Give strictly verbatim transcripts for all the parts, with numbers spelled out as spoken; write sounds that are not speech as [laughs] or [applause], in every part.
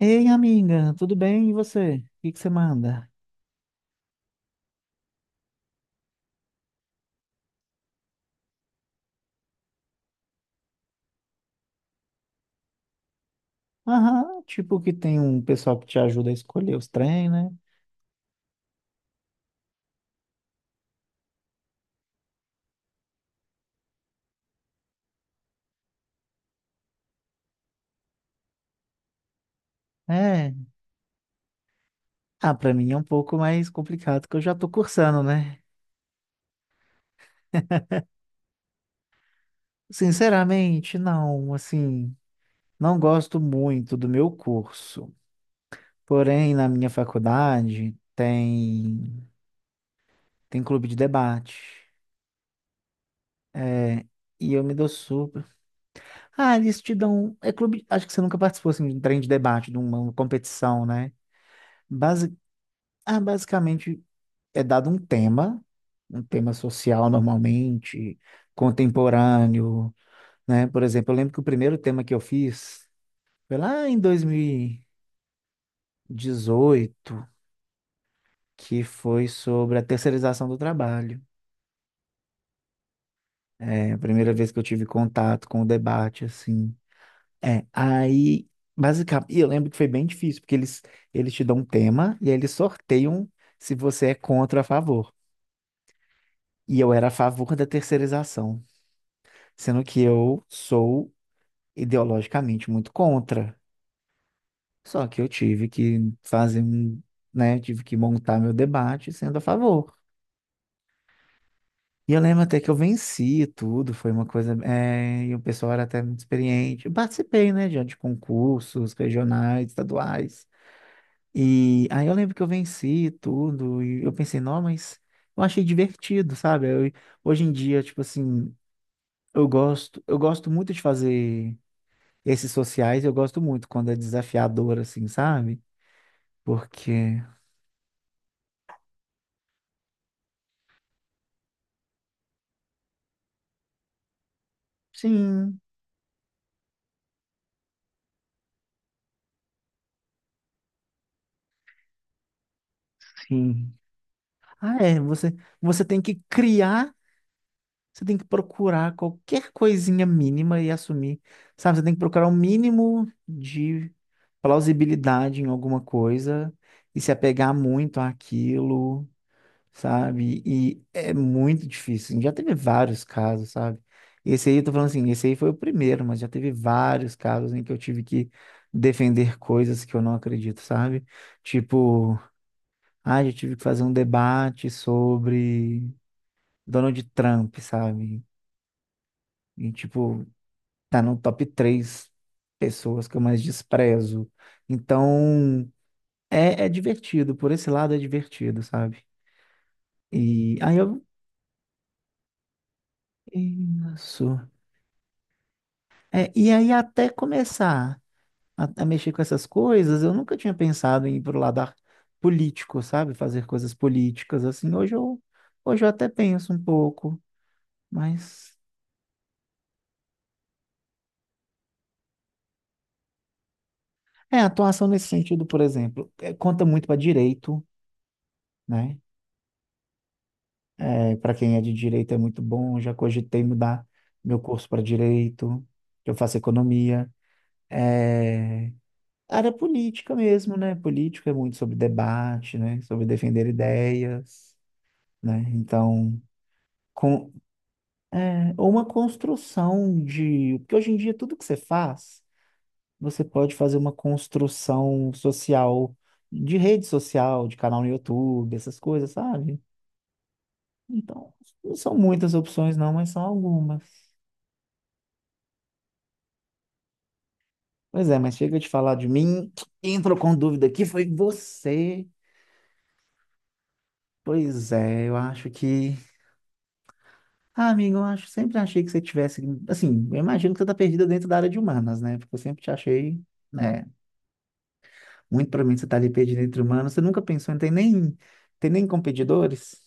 Ei, amiga, tudo bem? E você? O que que você manda? Aham, tipo que tem um pessoal que te ajuda a escolher os trem, né? É. Ah, pra mim é um pouco mais complicado, que eu já tô cursando, né? Sinceramente, não, assim, não gosto muito do meu curso. Porém, na minha faculdade tem tem clube de debate. É, e eu me dou super. Ah, eles te dão, é clube, acho que você nunca participou assim, de um trem de debate, de uma competição, né? Basi- Ah, basicamente é dado um tema, um tema social normalmente, contemporâneo, né? Por exemplo, eu lembro que o primeiro tema que eu fiz foi lá em dois mil e dezoito, que foi sobre a terceirização do trabalho. É a primeira vez que eu tive contato com o debate, assim. É, aí, basicamente, e eu lembro que foi bem difícil, porque eles, eles te dão um tema e aí eles sorteiam se você é contra ou a favor. E eu era a favor da terceirização. Sendo que eu sou ideologicamente muito contra. Só que eu tive que fazer um, né, tive que montar meu debate sendo a favor. E eu lembro até que eu venci e tudo, foi uma coisa, é, e o pessoal era até muito experiente. Eu participei, né, de de concursos regionais, estaduais. E aí eu lembro que eu venci e tudo, e eu pensei, não, mas eu achei divertido, sabe? Eu- hoje em dia, tipo assim, eu gosto, eu gosto muito de fazer. Esses sociais eu gosto muito quando é desafiador, assim, sabe? Porque. Sim, sim. Ah, é. Você, você tem que criar, você tem que procurar qualquer coisinha mínima e assumir, sabe? Você tem que procurar o um mínimo de plausibilidade em alguma coisa e se apegar muito àquilo. Sabe? E é muito difícil, assim. Já teve vários casos, sabe? Esse aí, eu tô falando assim, esse aí foi o primeiro, mas já teve vários casos em que eu tive que defender coisas que eu não acredito, sabe? Tipo, ah, já tive que fazer um debate sobre Donald Trump, sabe? E, tipo, tá no top três pessoas que eu mais desprezo. Então, é, é divertido, por esse lado é divertido, sabe? E aí eu. Isso. É, e aí até começar a, a mexer com essas coisas, eu nunca tinha pensado em ir pro lado ar- político, sabe? Fazer coisas políticas assim. Hoje eu, hoje eu até penso um pouco, mas é, a atuação nesse sentido, por exemplo, é, conta muito para direito, né? É, para quem é de direito é muito bom, já cogitei mudar meu curso para direito, que eu faço economia. É, área política mesmo, né? Política é muito sobre debate, né? Sobre defender ideias. Né? Então, com, é, ou uma construção de... Porque hoje em dia tudo que você faz, você pode fazer uma construção social, de rede social, de canal no YouTube, essas coisas, sabe? Então, não são muitas opções não, mas são algumas. Pois é, mas chega de falar de mim. Quem entrou com dúvida aqui foi você. Pois é, eu acho que... Ah, amigo, eu acho, sempre achei que você tivesse... Assim, eu imagino que você tá perdida dentro da área de humanas, né? Porque eu sempre te achei... Né, muito provavelmente você está ali pedindo entre humanos. Você nunca pensou, não tem nem, tem nem competidores?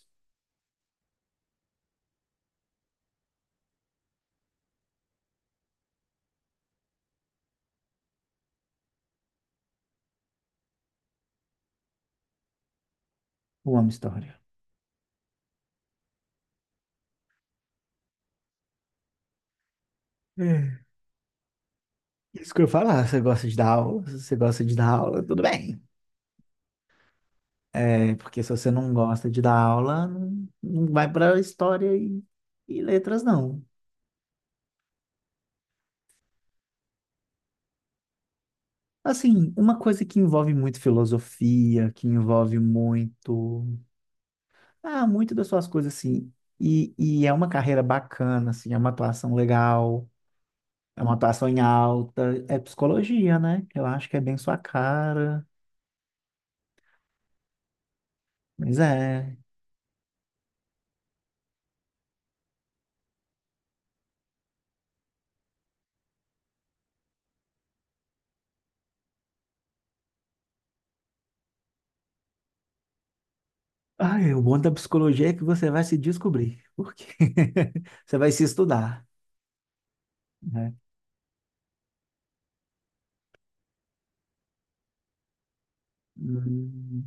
Eu amo história. É. Isso que eu ia falar, você gosta de dar aula? Se você gosta de dar aula, tudo bem. É, porque se você não gosta de dar aula, não, não vai para história e, e letras, não. Assim, uma coisa que envolve muito filosofia, que envolve muito. Ah, muito das suas coisas, assim. E, e é uma carreira bacana, assim, é uma atuação legal. É uma atuação em alta. É psicologia, né? Eu acho que é bem sua cara. Mas é. Ai, o bom da psicologia é que você vai se descobrir. Porque [laughs] você vai se estudar, né? Hum,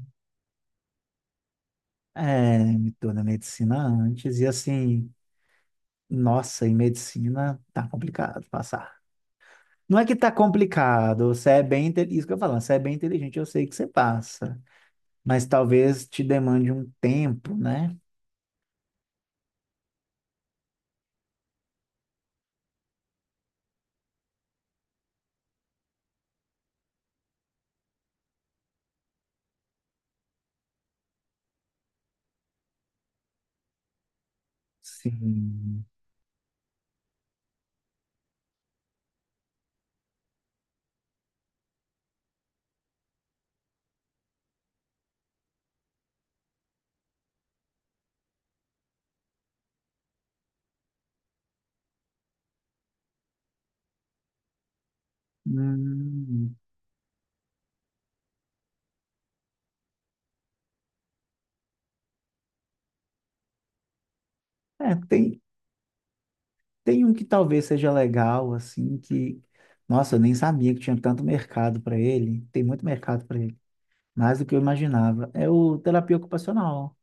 é, me torna medicina antes. E assim, nossa, em medicina tá complicado passar. Não é que tá complicado, você é bem, inte- isso que eu falo, você é bem inteligente, eu sei que você passa, mas talvez te demande um tempo, né? Sim. Hum, é, tem, tem um que talvez seja legal, assim, que, nossa, eu nem sabia que tinha tanto mercado para ele. Tem muito mercado para ele, mais do que eu imaginava. É o terapia ocupacional.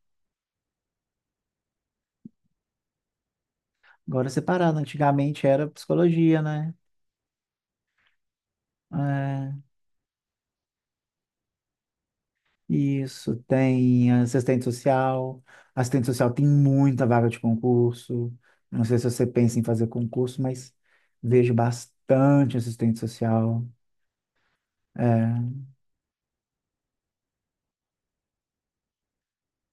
Agora separado, antigamente era psicologia, né? É, isso, tem assistente social. Assistente social tem muita vaga de concurso. Não sei se você pensa em fazer concurso, mas vejo bastante assistente social. É.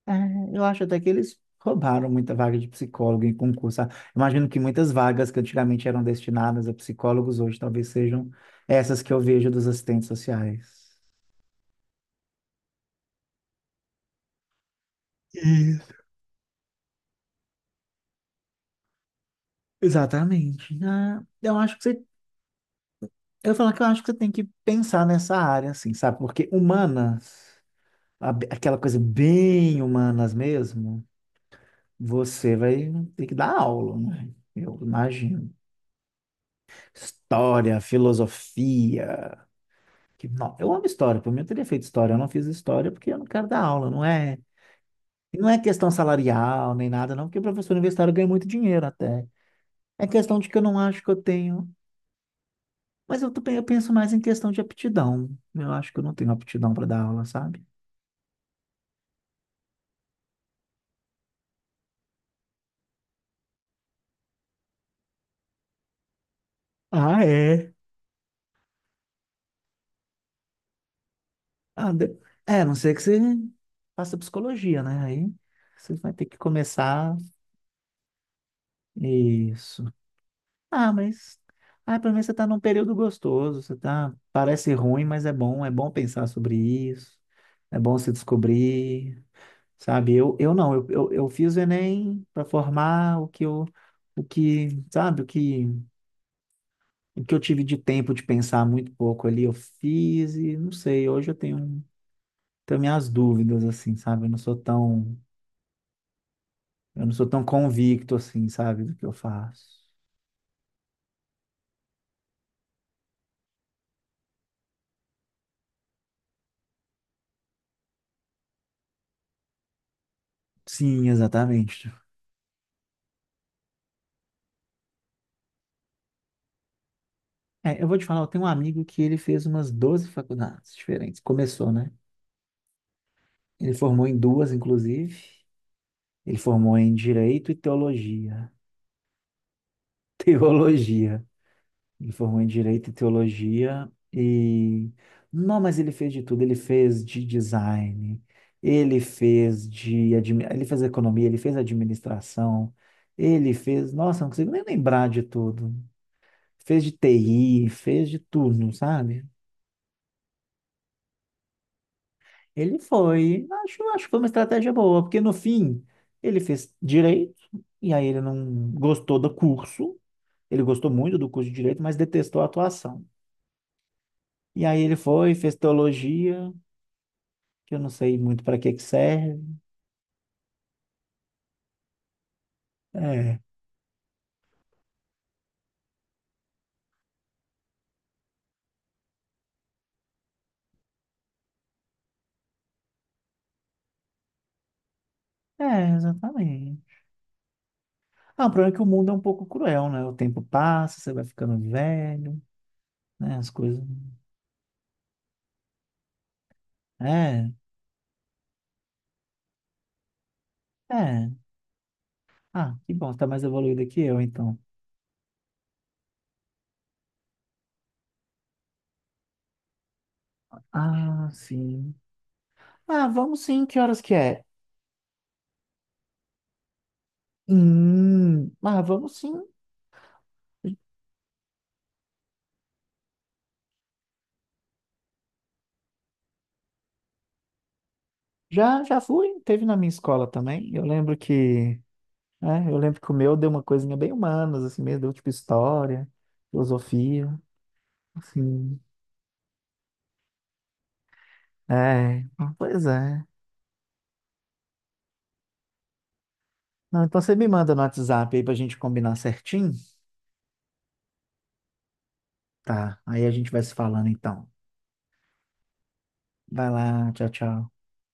É, eu acho até que eles roubaram muita vaga de psicólogo em concurso. Ah, imagino que muitas vagas que antigamente eram destinadas a psicólogos hoje talvez sejam essas que eu vejo dos assistentes sociais. Isso. Exatamente. Ah, eu acho que você, eu falo que eu acho que você tem que pensar nessa área, assim, sabe? Porque humanas, a- aquela coisa bem humanas mesmo, você vai ter que dar aula, né? Eu imagino. História, filosofia. Que, não, eu amo história, por mim eu teria feito história, eu não fiz história porque eu não quero dar aula, não é? E não é questão salarial nem nada, não, porque professor universitário ganha muito dinheiro até. É questão de que eu não acho que eu tenho. Mas eu, tô pe- eu penso mais em questão de aptidão. Eu acho que eu não tenho aptidão para dar aula, sabe? Ah, é. Ah, de- é, a não ser que você faça psicologia, né? Aí você vai ter que começar. Isso. Ah, mas ah, pelo menos você está num período gostoso, você tá, parece ruim, mas é bom, é bom pensar sobre isso, é bom se descobrir, sabe? Eu, eu não, eu, eu, eu fiz o Enem para formar o que eu, o que, sabe, o que, o que eu tive de tempo de pensar muito pouco ali, eu fiz e não sei, hoje eu tenho, tenho minhas dúvidas, assim, sabe? Eu não sou tão, eu não sou tão convicto, assim, sabe, do que eu faço. Sim, exatamente. É, eu vou te falar, eu tenho um amigo que ele fez umas doze faculdades diferentes. Começou, né? Ele formou em duas, inclusive. Ele formou em Direito e Teologia. [laughs] Teologia. Ele formou em Direito e Teologia e... Não, mas ele fez de tudo. Ele fez de design, ele fez de... admi- Ele fez economia, ele fez administração, ele fez... Nossa, não consigo nem lembrar de tudo. Fez de T I, fez de tudo, sabe? Ele foi, acho, acho que foi uma estratégia boa, porque no fim ele fez direito, e aí ele não gostou do curso, ele gostou muito do curso de direito, mas detestou a atuação. E aí ele foi, fez teologia, que eu não sei muito para que que serve. É, é, exatamente. Ah, o problema é que o mundo é um pouco cruel, né? O tempo passa, você vai ficando velho, né? As coisas. É, é. Ah, que bom, você tá mais evoluído que eu, então. Ah, sim. Ah, vamos sim, que horas que é? Hum, ah, vamos sim. Já, já fui, teve na minha escola também. Eu lembro que, é, eu lembro que o meu deu uma coisinha bem humanas, assim mesmo, deu tipo história, filosofia, assim. É, ah, pois é. Não, então você me manda no WhatsApp aí pra gente combinar certinho? Tá, aí a gente vai se falando então. Vai lá, tchau, tchau.